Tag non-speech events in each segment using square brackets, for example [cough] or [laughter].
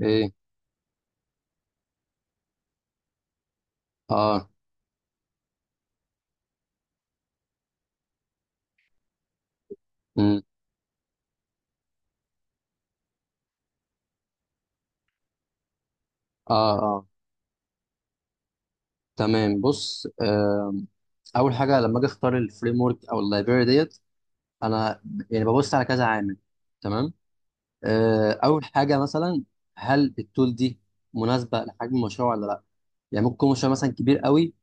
ايه. اه. امم اه اه. تمام. بص، اول حاجه لما اجي اختار الفريم ورك او اللايبراري ديت انا يعني ببص على كذا عامل. تمام. اول حاجه مثلا هل التول دي مناسبه لحجم المشروع ولا لا؟ يعني ممكن يكون مشروع مثلا كبير قوي،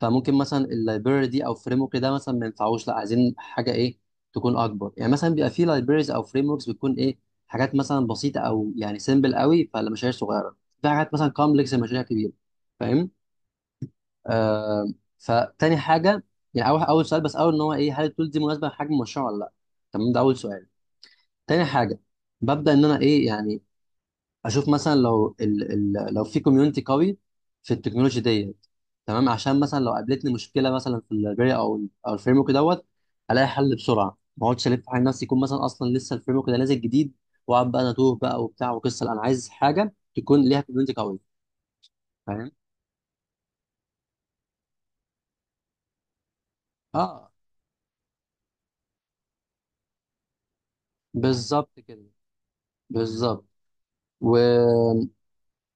فممكن مثلا اللايبراري دي او فريم ورك ده مثلا ما ينفعوش، لا عايزين حاجه ايه، تكون اكبر. يعني مثلا بيبقى في لايبراريز او فريم وركس بتكون ايه، حاجات مثلا بسيطه او يعني سيمبل قوي فالمشاريع صغيره، في حاجات مثلا كومبلكس المشاريع كبيره. فاهم. آه. فتاني حاجه، يعني اول سؤال، بس اول ان هو ايه، هل التول دي مناسبه لحجم المشروع ولا لا. تمام، ده اول سؤال. تاني حاجه، ببدا ان انا ايه يعني اشوف مثلا لو ال لو في كوميونتي قوي في التكنولوجي ديت. تمام، عشان مثلا لو قابلتني مشكله مثلا في اللايبراري او او الفريم ورك دوت، الاقي حل بسرعه ما اقعدش الف على نفسي، يكون مثلا اصلا لسه الفريم ورك ده نازل جديد واقعد بقى انا توه بقى وبتاع وقصه. لا، انا عايز حاجه تكون ليها كوميونتي قوي. فاهم. اه بالظبط كده. بالظبط. و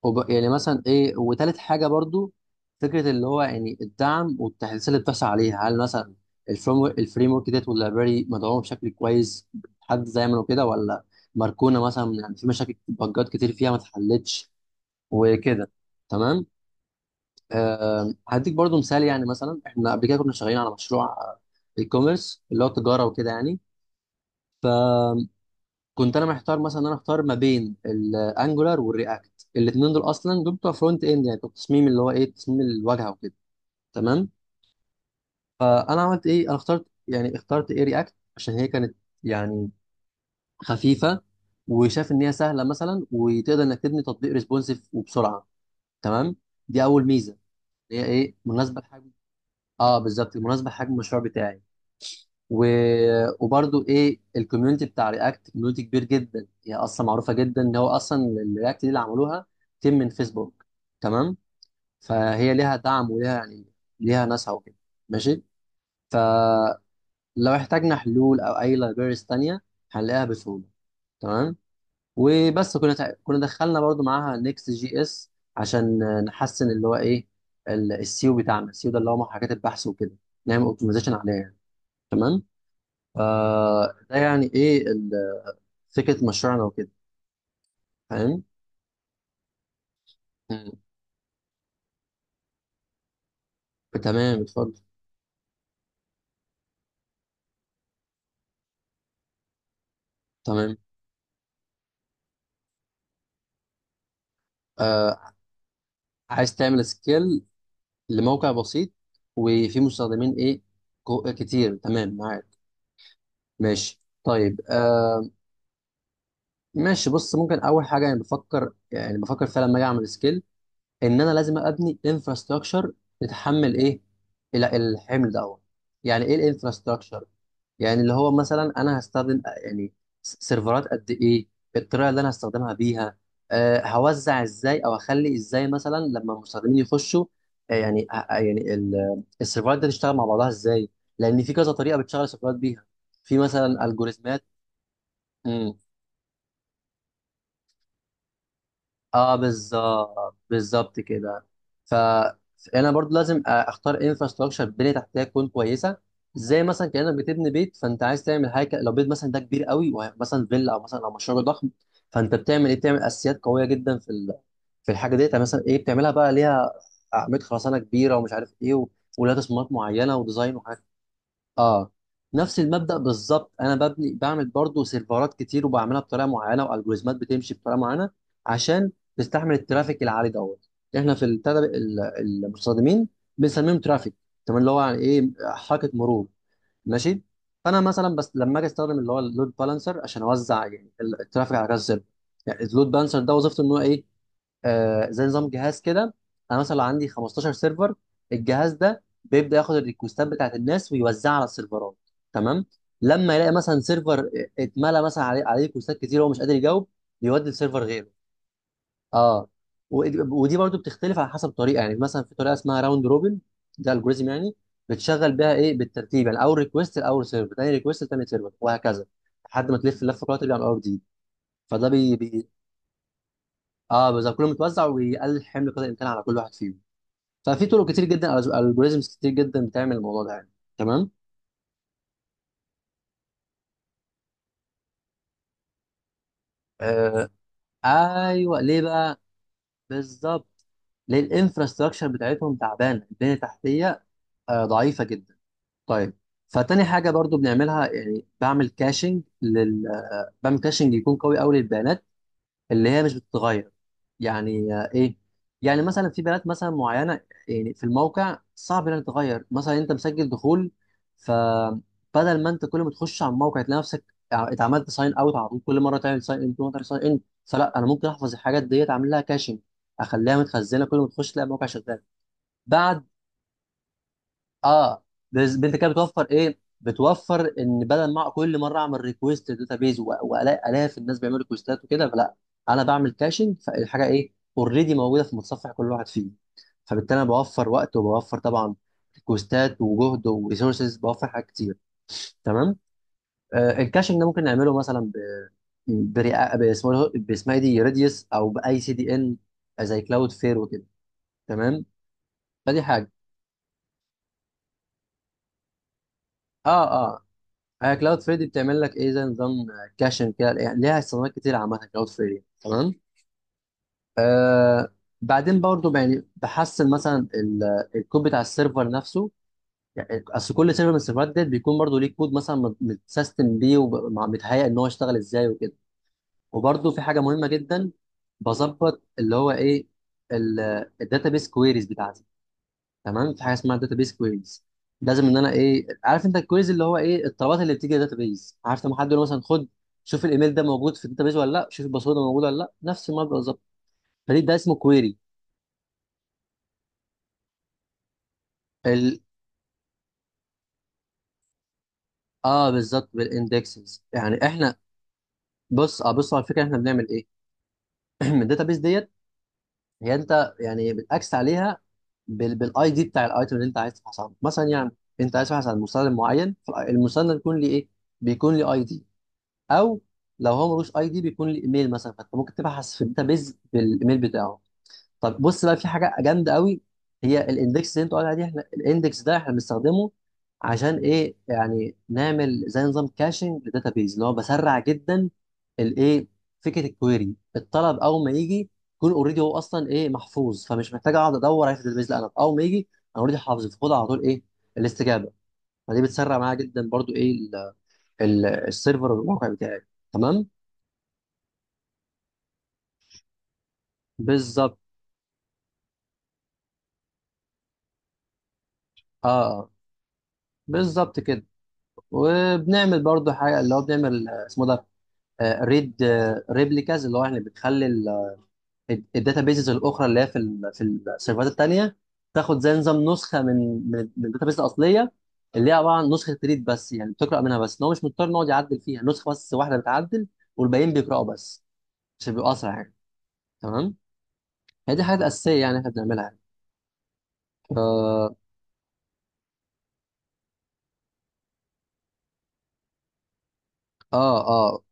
يعني مثلا ايه، وتالت حاجه برضو، فكره اللي هو يعني الدعم والتحديثات اللي بتحصل عليها. هل مثلا الفريم ورك ديت واللايبراري مدعومه بشكل كويس، حد زي ما كده، ولا مركونه مثلا يعني في مشاكل بجات كتير فيها ما اتحلتش وكده. تمام. آه، هديك برضو مثال. يعني مثلا احنا قبل كده كنا شغالين على مشروع اي كوميرس، اللي هو تجاره وكده يعني. كنت انا محتار مثلا إن انا اختار ما بين الانجولار والرياكت. الاثنين دول اصلا دول بتوع فرونت اند، يعني بتوع التصميم اللي هو ايه، تصميم الواجهه وكده. تمام. فانا عملت ايه، انا اخترت يعني اخترت ايه، رياكت، عشان هي كانت يعني خفيفه، وشاف ان هي سهله مثلا، وتقدر انك تبني تطبيق ريسبونسيف وبسرعه. تمام. دي اول ميزه. هي ايه مناسبه لحجم. اه بالظبط، مناسبه لحجم المشروع بتاعي. و... وبرضو ايه، الكوميونتي بتاع رياكت كوميونتي كبير جدا، هي اصلا معروفه جدا ان هو اصلا الرياكت دي اللي عملوها تيم من فيسبوك. تمام. فهي ليها دعم وليها يعني ليها ناسها وكده. ماشي. فلو احتاجنا حلول او اي لايبريز تانية هنلاقيها بسهوله. تمام. وبس كنا كنا دخلنا برضو معاها نيكست جي اس، عشان نحسن اللي هو ايه، السيو بتاعنا. السيو ده اللي هو محركات البحث وكده، نعمل اوبتمايزيشن عليها يعني. تمام. فده يعني ايه، فكرة مشروعنا وكده. فاهم؟ مم. تمام اتفضل. تمام آه. عايز تعمل سكيل لموقع بسيط وفيه مستخدمين ايه، كتير. تمام معاك. ماشي طيب آه. ماشي. بص، ممكن اول حاجة، يعني بفكر يعني بفكر فعلا لما اجي اعمل سكيل، ان انا لازم ابني انفراستراكشر يتحمل ايه، الحمل ده، أول. يعني ايه الانفراستراكشر؟ يعني اللي هو مثلا انا هستخدم يعني سيرفرات قد ايه، الطريقه اللي انا هستخدمها بيها، أه هوزع ازاي، او اخلي ازاي مثلا لما المستخدمين يخشوا. يعني السيرفرات دي تشتغل مع بعضها ازاي، لان في كذا طريقه بتشغل السيرفرات بيها، في مثلا الجوريزمات. اه بالظبط كده. ف- فانا برضو لازم اختار انفراستراكشر، بنيه تحتيه تكون كويسه. زي مثلا كانك بتبني بيت، فانت عايز تعمل حاجه لو بيت مثلا ده كبير قوي ومثلا فيلا او مثلا او مشروع ضخم، فانت بتعمل ايه، بتعمل اساسيات قويه جدا في في الحاجه ديت. يعني مثلا ايه، بتعملها بقى ليها اعمده خرسانه كبيره ومش عارف ايه ولها تصميمات معينه وديزاين. اه. نفس المبدأ بالظبط، انا ببني بعمل برضو سيرفرات كتير وبعملها بطريقه معينه، والجوريزمات بتمشي بطريقه معينه، عشان تستحمل الترافيك العالي دوت. احنا في المستخدمين بنسميهم ترافيك. تمام، اللي هو يعني ايه، حركه مرور. ماشي. فانا مثلا بس لما اجي استخدم اللي هو اللود بالانسر، عشان اوزع يعني الترافيك على كذا سيرفر. يعني اللود بالانسر ده وظيفته ان هو ايه، زي نظام جهاز كده. انا مثلا عندي 15 سيرفر، الجهاز ده بيبدا ياخد الريكوستات بتاعت الناس ويوزعها على السيرفرات. تمام. لما يلاقي مثلا سيرفر اتملى مثلا عليه ريكوستات كتير وهو مش قادر يجاوب، يودي السيرفر غيره. اه. ودي برضو بتختلف على حسب طريقه. يعني مثلا في طريقه اسمها راوند روبن، ده الجوريزم يعني، بتشغل بيها ايه، بالترتيب. يعني اول ريكوست لاول سيرفر، تاني ريكوست لتاني سيرفر، وهكذا، لحد ما تلف اللفه كلها ترجع للاول جديد. فده بي, بي... اه بالظبط، كله متوزع ويقلل حمل قدر الامكان على كل واحد فيهم. ففي طرق كتير جدا، الجوريزمز كتير جدا بتعمل الموضوع ده يعني. تمام. آه ايوه. ليه بقى؟ بالظبط. ليه؟ الانفراستراكشر بتاعتهم تعبانه، البنيه التحتيه آه ضعيفه جدا. طيب. فتاني حاجه برضو بنعملها، يعني بعمل كاشنج لل، بعمل كاشنج يكون قوي قوي للبيانات اللي هي مش بتتغير. يعني آه، ايه، يعني مثلا في بنات مثلا معينه، يعني في الموقع صعب انها تتغير. مثلا انت مسجل دخول، فبدل ما انت كل ما تخش على الموقع تلاقي نفسك اتعملت ساين اوت على طول، كل مره تعمل ساين ان فلا، انا ممكن احفظ الحاجات ديت، اعمل لها كاشنج، اخليها متخزنه، كل ما تخش تلاقي الموقع شغال. بعد، اه. انت كده بتوفر ايه، بتوفر ان بدل ما كل مره اعمل ريكويست داتابيز والاقي الاف الناس بيعملوا ريكويستات وكده، فلا، انا بعمل كاشنج، فالحاجه ايه، اوريدي موجوده في متصفح كل واحد فيه. فبالتالي انا بوفر وقت، وبوفر طبعا ريكوستات وجهد وريسورسز، بوفر حاجات كتير. تمام. آه، الكاشنج ده ممكن نعمله مثلا ب، باسمه، باسمها إيه دي، ريديوس، او باي سي دي ان، زي كلاود فير وكده. تمام. فدي حاجه. اه آه. آه كلاود فريدي بتعمل لك ايه، زي نظام كاشن كده يعني، ليها استخدامات كتير عامه كلاود فريدي. تمام. آه. بعدين برضو يعني بحسن مثلا الكود بتاع السيرفر نفسه. يعني اصل كل سيرفر من السيرفرات ديت بيكون برضو ليه كود مثلا متسيستم بيه ومتهيأ ان هو يشتغل ازاي وكده. وبرضو في حاجه مهمه جدا بظبط اللي هو ايه، الداتابيس كويريز بتاعتي. تمام. في حاجه اسمها داتابيس كويريز، لازم ان انا ايه، عارف انت الكويريز اللي هو ايه، الطلبات اللي بتيجي داتابيس. عارف لما حد يقول مثلا خد، شوف الايميل ده موجود في الداتابيس ولا لا، شوف الباسورد ده موجود ولا لا، نفس المبدا بالظبط. فدي ده اسمه كويري. ال... اه بالظبط، بالاندكسز. يعني احنا، بص، اه بص على الفكره، احنا بنعمل ايه، [clears throat] الداتابيس ديت هي انت يعني بتاكس عليها بالاي دي بتاع الايتم اللي انت عايز تبحث عنه. مثلا يعني انت عايز تبحث عن مستند معين، فالمستند بيكون ليه ايه، بيكون ليه اي دي، او لو هو ملوش اي دي بيكون ليه ايميل مثلا، فانت ممكن تبحث في الداتابيز بالايميل بتاعه. طب بص بقى، في حاجه جامده قوي، هي الاندكس اللي انت قاعد عليها دي. احنا الاندكس ده احنا بنستخدمه عشان ايه، يعني نعمل زي نظام كاشنج للداتابيز، اللي هو بسرع جدا الايه، فكره الكويري، الطلب اول ما يجي يكون اوريدي هو اصلا ايه، محفوظ. فمش محتاج اقعد ادور عليه في الداتابيز، لا، انا اول ما يجي انا اوريدي حافظه، فخد على طول ايه، الاستجابه. فدي بتسرع معايا جدا برضو ايه، السيرفر والموقع بتاعي. تمام. بالظبط. اه بالظبط كده. وبنعمل برضو حاجه، اللي هو بنعمل اسمه ده، ريد ريبليكاز، اللي هو يعني بنخلي الداتا بيزز الاخرى اللي هي في في السيرفرات التانيه تاخد زي نظام نسخه من من الداتا بيز الاصليه، اللي هي عباره عن نسخه ريد بس، يعني بتقرا منها بس، ان هو مش مضطر إن هو يقعد يعدل فيها. نسخه بس واحده بتعدل والباقيين بيقراوا بس، عشان بيبقوا اسرع يعني. تمام. هي دي حاجات اساسيه يعني احنا بنعملها يعني. اه. اه. اه.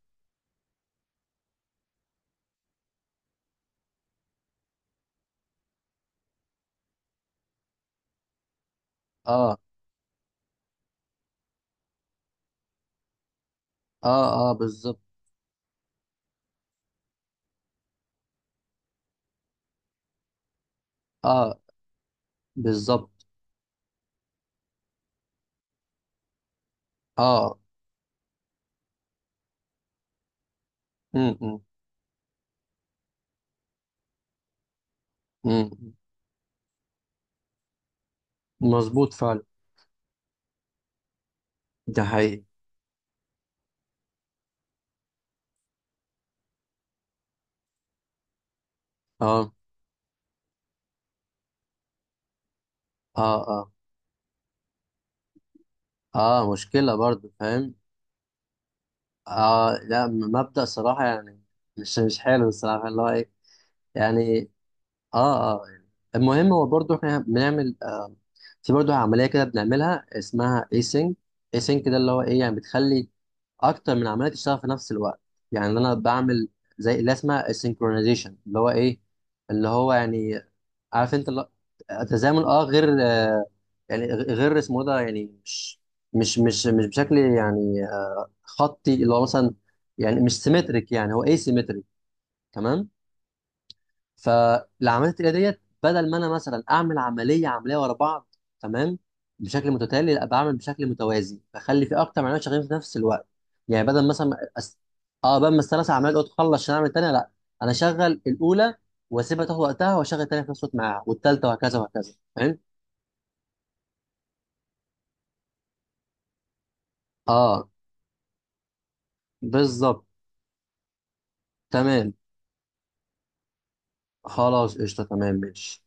اه. اه, آه بالظبط. اه بالظبط. اه. امم امم. مظبوط فعلا. ده حقيقي. اه اه. اه اه مشكلة برضو فاهم. اه لا، مبدأ صراحة يعني مش مش حلو الصراحة اللي هو ايه يعني. اه اه. المهم هو برضو احنا بنعمل آه، في برضو عملية كده بنعملها اسمها ايسينج. ايسينج ده اللي هو ايه يعني، بتخلي اكتر من عملية تشتغل في نفس الوقت. يعني انا بعمل زي اللي اسمها السينكرونايزيشن، اللي هو ايه، اللي هو يعني عارف انت اللي هو تزامن اه. غير، يعني غير اسمه ده، يعني مش مش بشكل يعني خطي اللي هو مثلا، يعني مش سيمتريك، يعني هو اي سيمتريك. تمام. فالعمليه التقليديه ديت بدل ما انا مثلا اعمل عمليه عمليه ورا بعض، تمام، بشكل متتالي، لا بعمل بشكل متوازي، بخلي في اكتر من عمليه شغالين في نفس الوقت. يعني بدل مثلا اه بدل ما ال3 عمليات دول تخلص عشان اعمل الثانيه، لا، انا اشغل الاولى واسيبها تاخد وقتها، واشغل الثانيه في نفس الوقت معاها، والثالثه، وهكذا وهكذا. فاهم. اه بالظبط. تمام. خلاص قشطة تمام ماشي.